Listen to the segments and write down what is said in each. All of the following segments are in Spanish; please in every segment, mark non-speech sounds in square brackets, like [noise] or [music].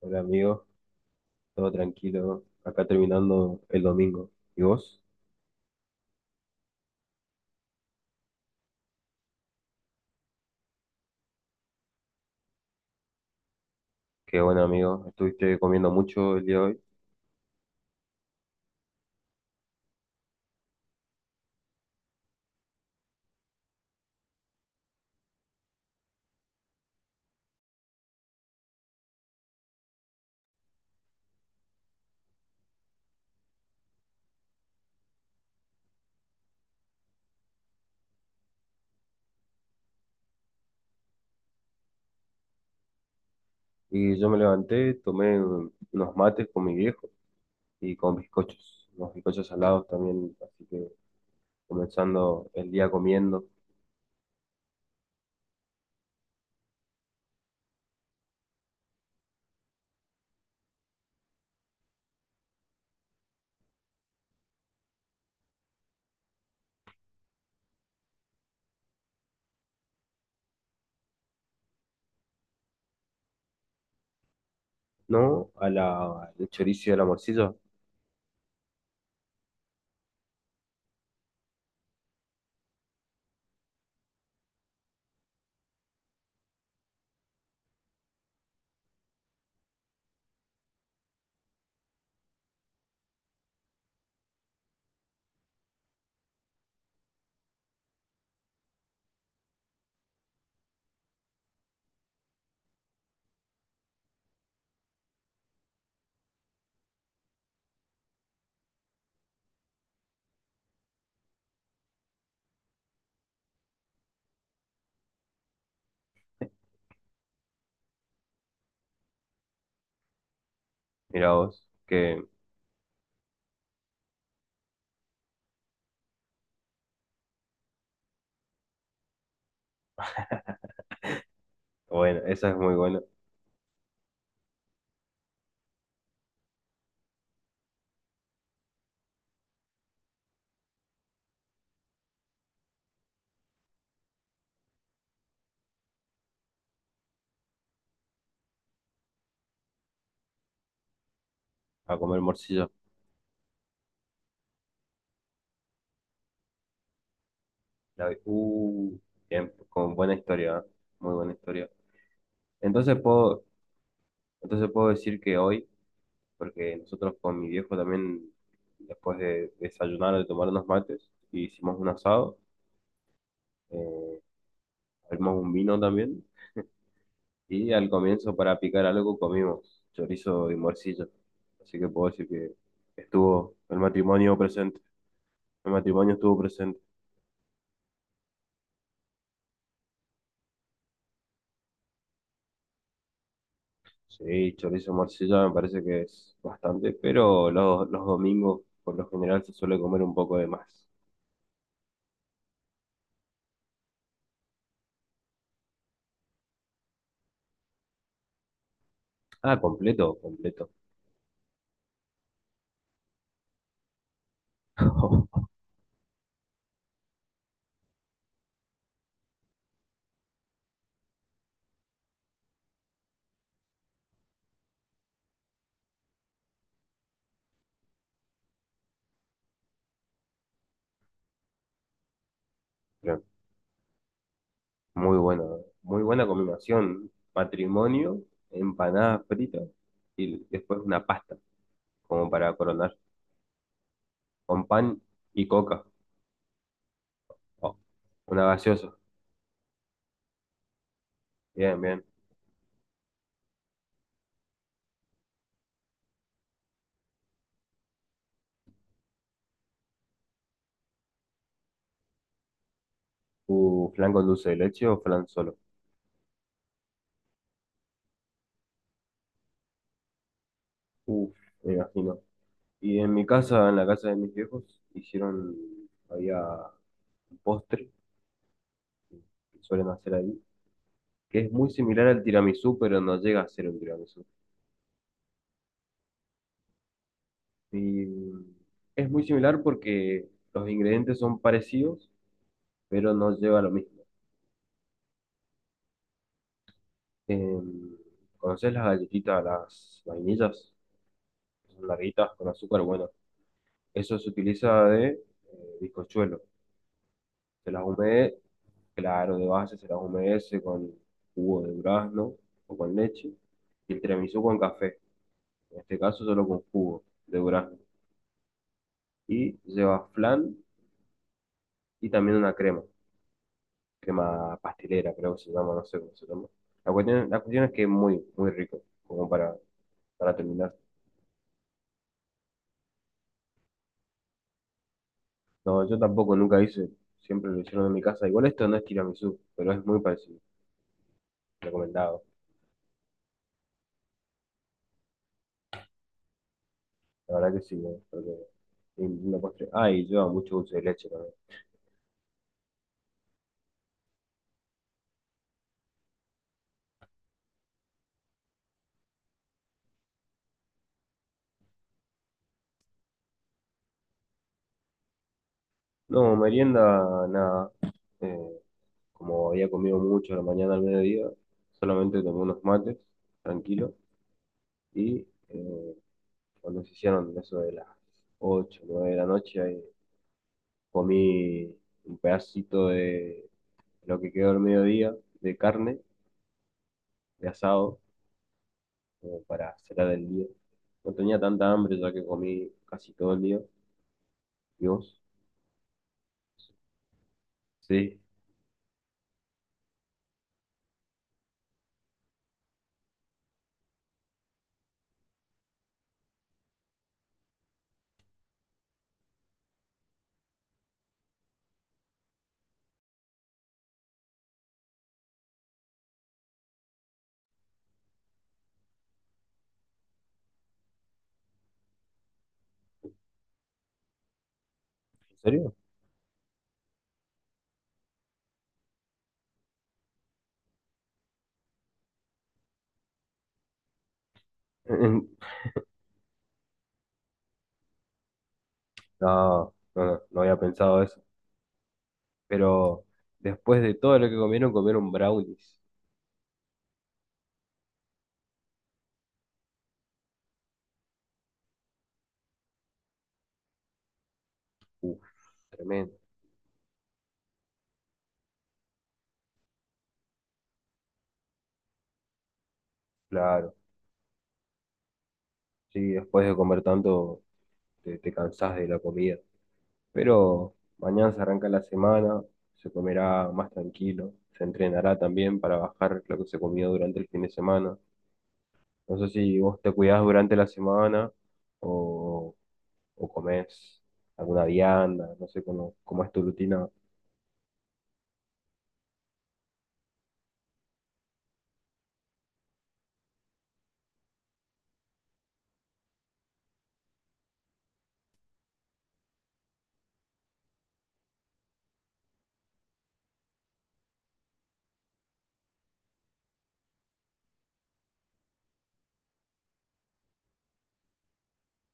Hola amigo, todo tranquilo, acá terminando el domingo. ¿Y vos? Qué bueno amigo, estuviste comiendo mucho el día de hoy. Y yo me levanté, tomé unos mates con mi viejo y con bizcochos, unos bizcochos salados también, así que comenzando el día comiendo. No, el chorizo y a la morcilla, mirá vos, que bueno, esa es muy buena, a comer morcilla. La, vi- uh, Bien, con buena historia, ¿eh? Muy buena historia. Entonces puedo, entonces puedo decir que hoy porque nosotros con mi viejo también, después de desayunar, de tomar unos mates, hicimos un asado, eh, abrimos un vino también, y al comienzo para picar algo comimos chorizo y morcilla. Así que puedo decir que estuvo el matrimonio presente, el matrimonio estuvo presente. Sí, chorizo y morcilla me parece que es bastante, pero los domingos por lo general se suele comer un poco de más. Ah, completo, completo. [laughs] Muy buena, muy buena combinación. Patrimonio, empanadas fritas y después una pasta, como para coronar, con pan y coca. Oh, una gaseosa. Bien, bien. Flan con dulce de leche o flan solo. Uf, me imagino. Y en mi casa, en la casa de mis viejos, hicieron, había un postre que suelen hacer ahí, que es muy similar al tiramisú, pero no llega a ser un tiramisú. Y es muy similar porque los ingredientes son parecidos pero no lleva lo mismo. Eh, ¿Conoces las galletitas, las vainillas? Son larguitas con azúcar, bueno. Eso se utiliza de bizcochuelo. Se las humede, claro, de base se las humedece con jugo de durazno o con leche. Y el tiramisú con café. En este caso solo con jugo de durazno. Y lleva flan y también una crema. Crema pastelera, creo que se llama, no sé cómo se llama. La cuestión es que es muy, muy rico, como para terminar. No, yo tampoco nunca hice, siempre lo hicieron en mi casa. Igual esto no es tiramisú, pero es muy parecido, recomendado. La verdad que sí, ¿no? Porque es una postre. Ah, y lleva mucho dulce de leche también. No, merienda, nada. Eh, como había comido mucho a la mañana al mediodía, solamente tomé unos mates, tranquilo. Y cuando se hicieron eso de las 8 o 9 de la noche, ahí comí un pedacito de lo que quedó al mediodía de carne, de asado como para cenar el día. No tenía tanta hambre ya que comí casi todo el día. ¿Y vos? Sí. ¿En serio? [laughs] No, no, no, no había pensado eso. Pero después de todo lo que comieron, comieron brownies. Uf, tremendo. Claro. Sí, después de comer tanto, te cansás de la comida. Pero mañana se arranca la semana, se comerá más tranquilo. Se entrenará también para bajar lo que se comió durante el fin de semana. No sé si vos te cuidás durante la semana o, o comés alguna vianda, no sé cómo es tu rutina,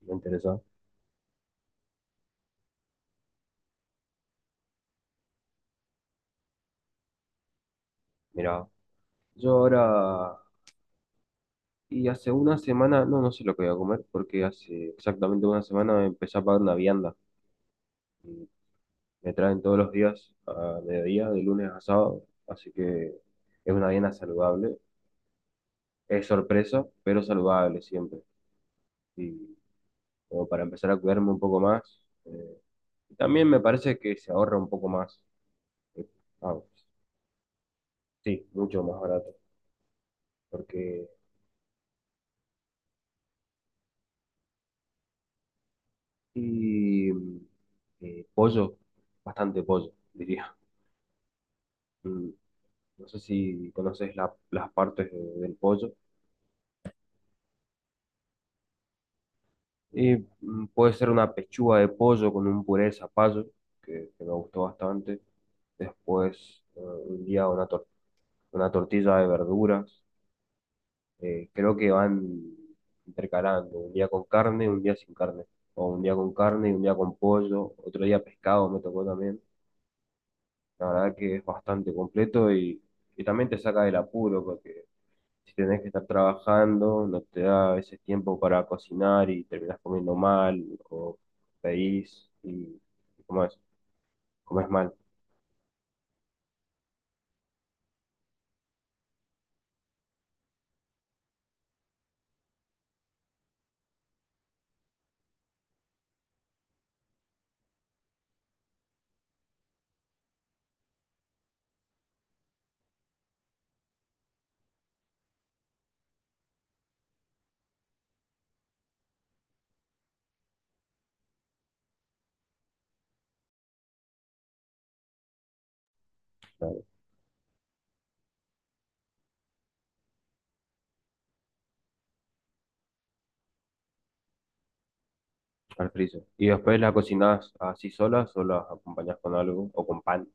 me interesa. Mira, yo ahora, y hace una semana, no, no sé lo que voy a comer, porque hace exactamente una semana empecé a pagar una vianda. Y me traen todos los días a mediodía, de lunes a sábado, así que es una vianda saludable. Es sorpresa, pero saludable siempre. Y como para empezar a cuidarme un poco más. Y también me parece que se ahorra un poco más. eh, ah, sí, mucho más barato. Porque. Y. Pollo, bastante pollo, diría. Mm, No sé si conoces las partes del pollo. Y puede ser una pechuga de pollo con un puré de zapallo, que me gustó bastante. Después, un día una tortilla de verduras. Creo que van intercalando, un día con carne, un día sin carne, o un día con carne y un día con pollo, otro día pescado me tocó también. La verdad que es bastante completo y también te saca del apuro porque si tenés que estar trabajando, no te da ese tiempo para cocinar y terminás comiendo mal o pedís y, ¿cómo es? Comes mal. Claro. Al friso. Y después la cocinás así solas o las acompañás con algo o con pan.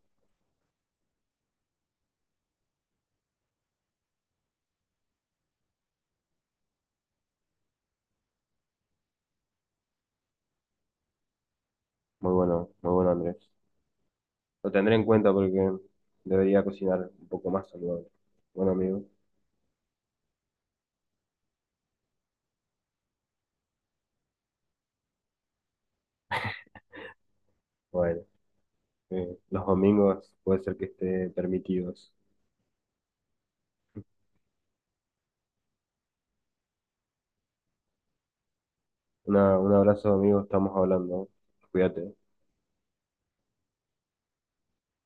Muy bueno, muy bueno, Andrés. Lo tendré en cuenta porque debería cocinar un poco más saludable. Bueno, amigo, bueno, los domingos puede ser que esté permitidos. Un abrazo, amigo, estamos hablando. Cuídate.